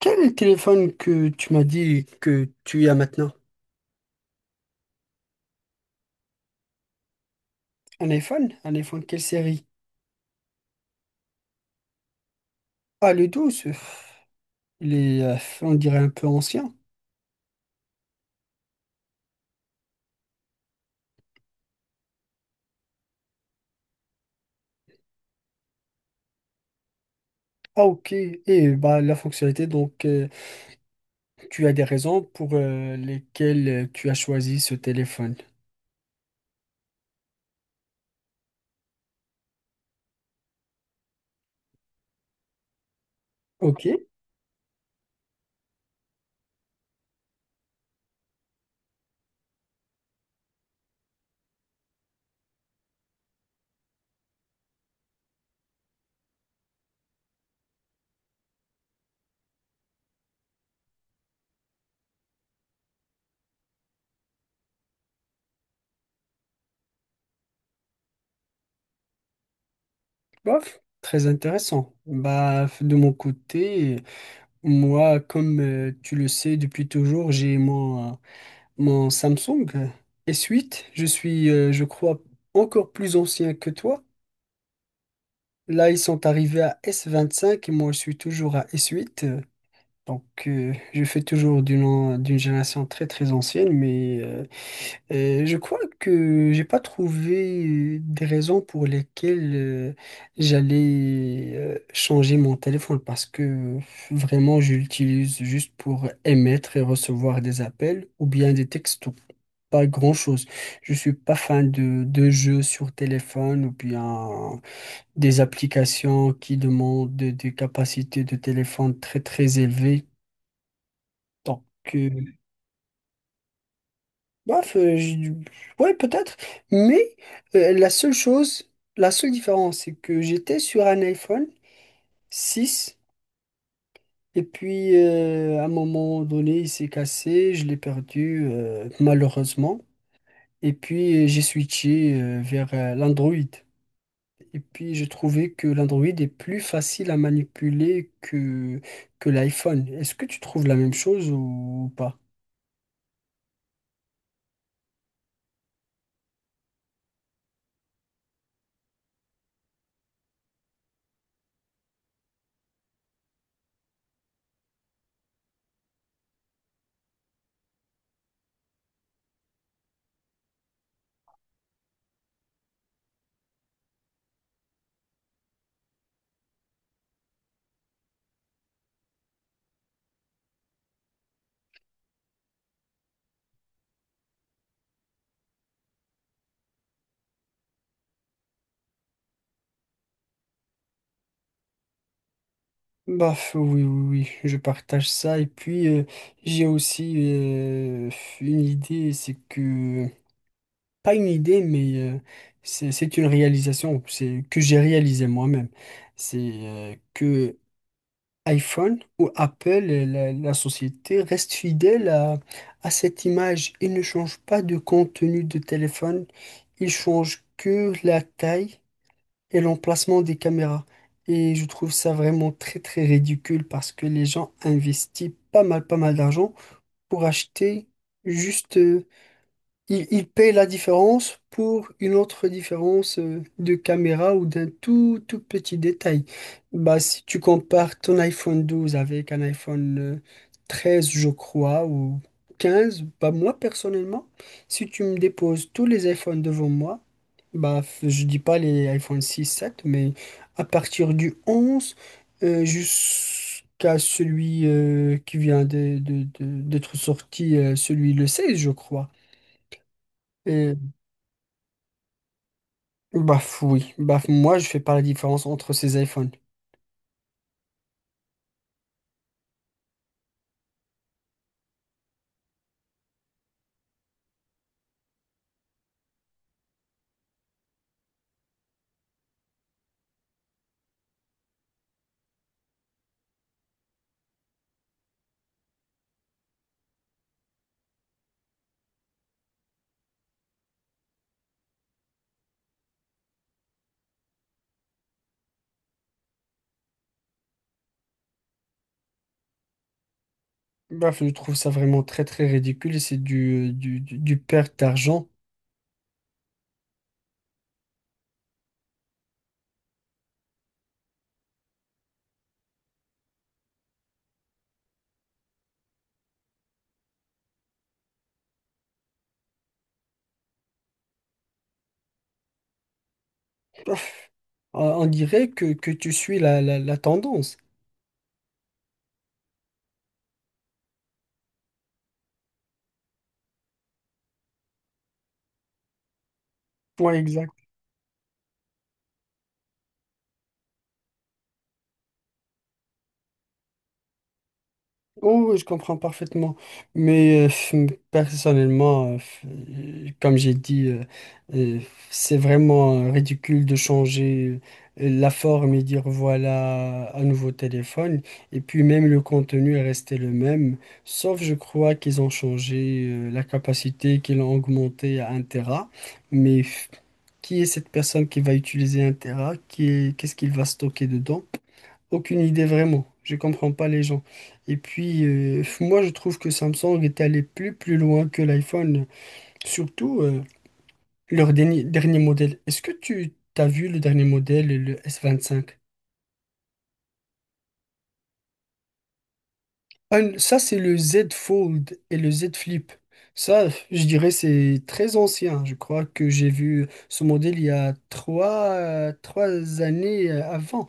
Quel est le téléphone que tu m'as dit que tu as maintenant? Un iPhone? Un iPhone quelle série? Ah, le 12, Il est, on dirait, un peu ancien. Ah, ok. Et bah, la fonctionnalité, donc, tu as des raisons pour lesquelles tu as choisi ce téléphone. Ok, bof, très intéressant. Bah, de mon côté, moi, comme tu le sais depuis toujours, j'ai mon, mon Samsung S8. Je suis, je crois, encore plus ancien que toi. Là, ils sont arrivés à S25 et moi, je suis toujours à S8. Donc, je fais toujours d'une génération très, très ancienne, mais je crois que j'ai pas trouvé des raisons pour lesquelles j'allais changer mon téléphone parce que vraiment, je l'utilise juste pour émettre et recevoir des appels ou bien des textos. Pas grand-chose. Je suis pas fan de jeux sur téléphone ou bien des applications qui demandent des capacités de téléphone très très élevées. Donc, euh, bref, euh, je- ouais, peut-être. Mais la seule chose, la seule différence, c'est que j'étais sur un iPhone 6 et puis à un moment donné, il s'est cassé, je l'ai perdu malheureusement. Et puis j'ai switché vers l'Android. Et puis, j'ai trouvé que l'Android est plus facile à manipuler que l'iPhone. Est-ce que tu trouves la même chose ou pas? Bah, oui, oui, oui, je partage ça. Et puis, j'ai aussi une idée, Pas une idée, mais c'est une réalisation que j'ai réalisé moi-même. C'est que iPhone ou Apple, et la société, reste fidèle à cette image. Ils ne changent pas de contenu de téléphone, ils changent que la taille et l'emplacement des caméras. Et je trouve ça vraiment très très ridicule parce que les gens investissent pas mal d'argent pour acheter juste il paye la différence pour une autre différence de caméra ou d'un tout petit détail. Bah, si tu compares ton iPhone 12 avec un iPhone 13, je crois, ou 15, bah, moi personnellement, si tu me déposes tous les iPhones devant moi, bah, je dis pas les iPhone 6, 7, mais à partir du 11 jusqu'à celui qui vient d'être sorti, celui le 16, je crois. Baf, oui. Baf, moi, je fais pas la différence entre ces iPhones. Baf, je trouve ça vraiment très, très ridicule et c'est du perte d'argent. Baf, on dirait que tu suis la tendance. Ouais, Oh, oui, je comprends parfaitement. Mais personnellement, comme j'ai dit, euh, c'est vraiment ridicule de changer la forme et dire voilà un nouveau téléphone. Et puis même le contenu est resté le même, sauf je crois qu'ils ont changé la capacité, qu'ils l'ont augmentée à un téra. Mais qui est cette personne qui va utiliser un téra? Qu'est-ce qu'il va stocker dedans? Aucune idée vraiment. Je comprends pas les gens. Et puis, moi, je trouve que Samsung est allé plus loin que l'iPhone, surtout leur dernier modèle. Est-ce que tu as vu le dernier modèle, le S25? Ah, ça, c'est le Z Fold et le Z Flip. Ça, je dirais, c'est très ancien. Je crois que j'ai vu ce modèle il y a trois années avant.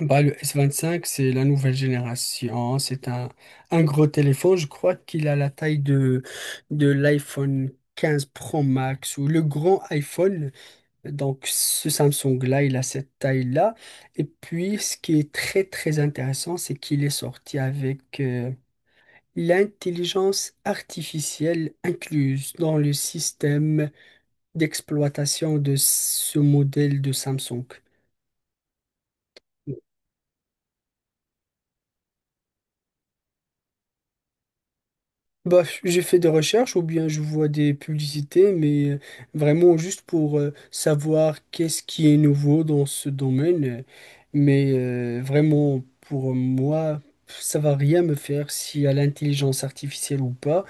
Bah, le S25, c'est la nouvelle génération. Un gros téléphone. Je crois qu'il a la taille de l'iPhone 15 Pro Max ou le grand iPhone. Donc, ce Samsung-là, il a cette taille-là. Et puis, ce qui est très, très intéressant, c'est qu'il est sorti avec l'intelligence artificielle incluse dans le système d'exploitation de ce modèle de Samsung. Bah, j'ai fait des recherches ou bien je vois des publicités, mais vraiment juste pour savoir qu'est-ce qui est nouveau dans ce domaine. Mais vraiment, pour moi, ça va rien me faire s'il y a l'intelligence artificielle ou pas.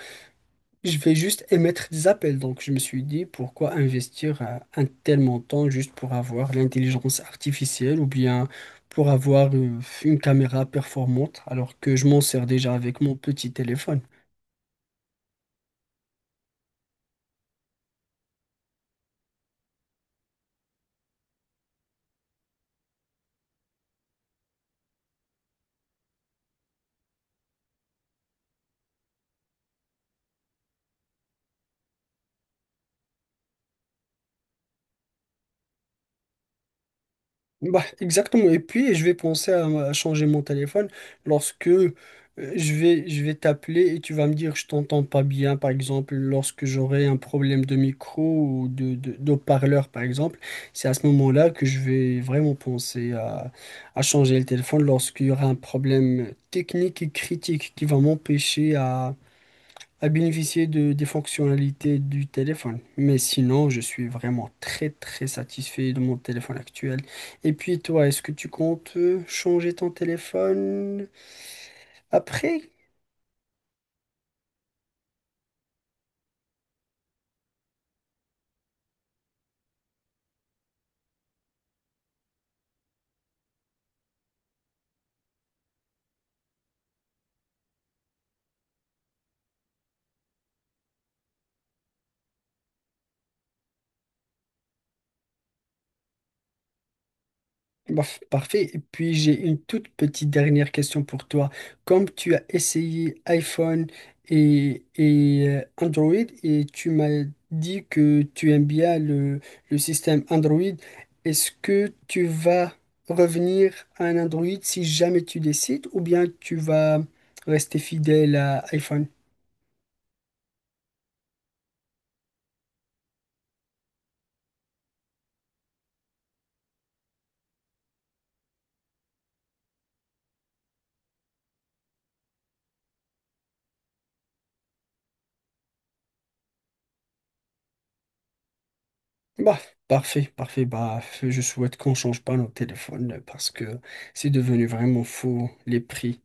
Je vais juste émettre des appels. Donc, je me suis dit, pourquoi investir un tel montant juste pour avoir l'intelligence artificielle ou bien pour avoir une caméra performante alors que je m'en sers déjà avec mon petit téléphone. Bah, exactement. Et puis, je vais penser à changer mon téléphone lorsque je vais t'appeler et tu vas me dire je t'entends pas bien, par exemple, lorsque j'aurai un problème de micro ou d'haut-parleur, par exemple. C'est à ce moment-là que je vais vraiment penser à changer le téléphone lorsqu'il y aura un problème technique et critique qui va m'empêcher à bénéficier des fonctionnalités du téléphone. Mais sinon, je suis vraiment très très satisfait de mon téléphone actuel. Et puis toi, est-ce que tu comptes changer ton téléphone après? Bof, parfait. Et puis j'ai une toute petite dernière question pour toi. Comme tu as essayé iPhone et Android et tu m'as dit que tu aimes bien le système Android, est-ce que tu vas revenir à un Android si jamais tu décides ou bien tu vas rester fidèle à iPhone? Bah, parfait, parfait. Bah, je souhaite qu'on change pas nos téléphones parce que c'est devenu vraiment fou les prix.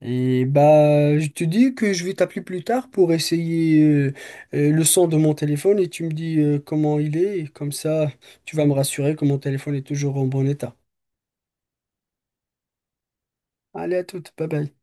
Et bah, je te dis que je vais t'appeler plus tard pour essayer le son de mon téléphone et tu me dis comment il est. Et comme ça, tu vas me rassurer que mon téléphone est toujours en bon état. Allez, à toute, bye bye.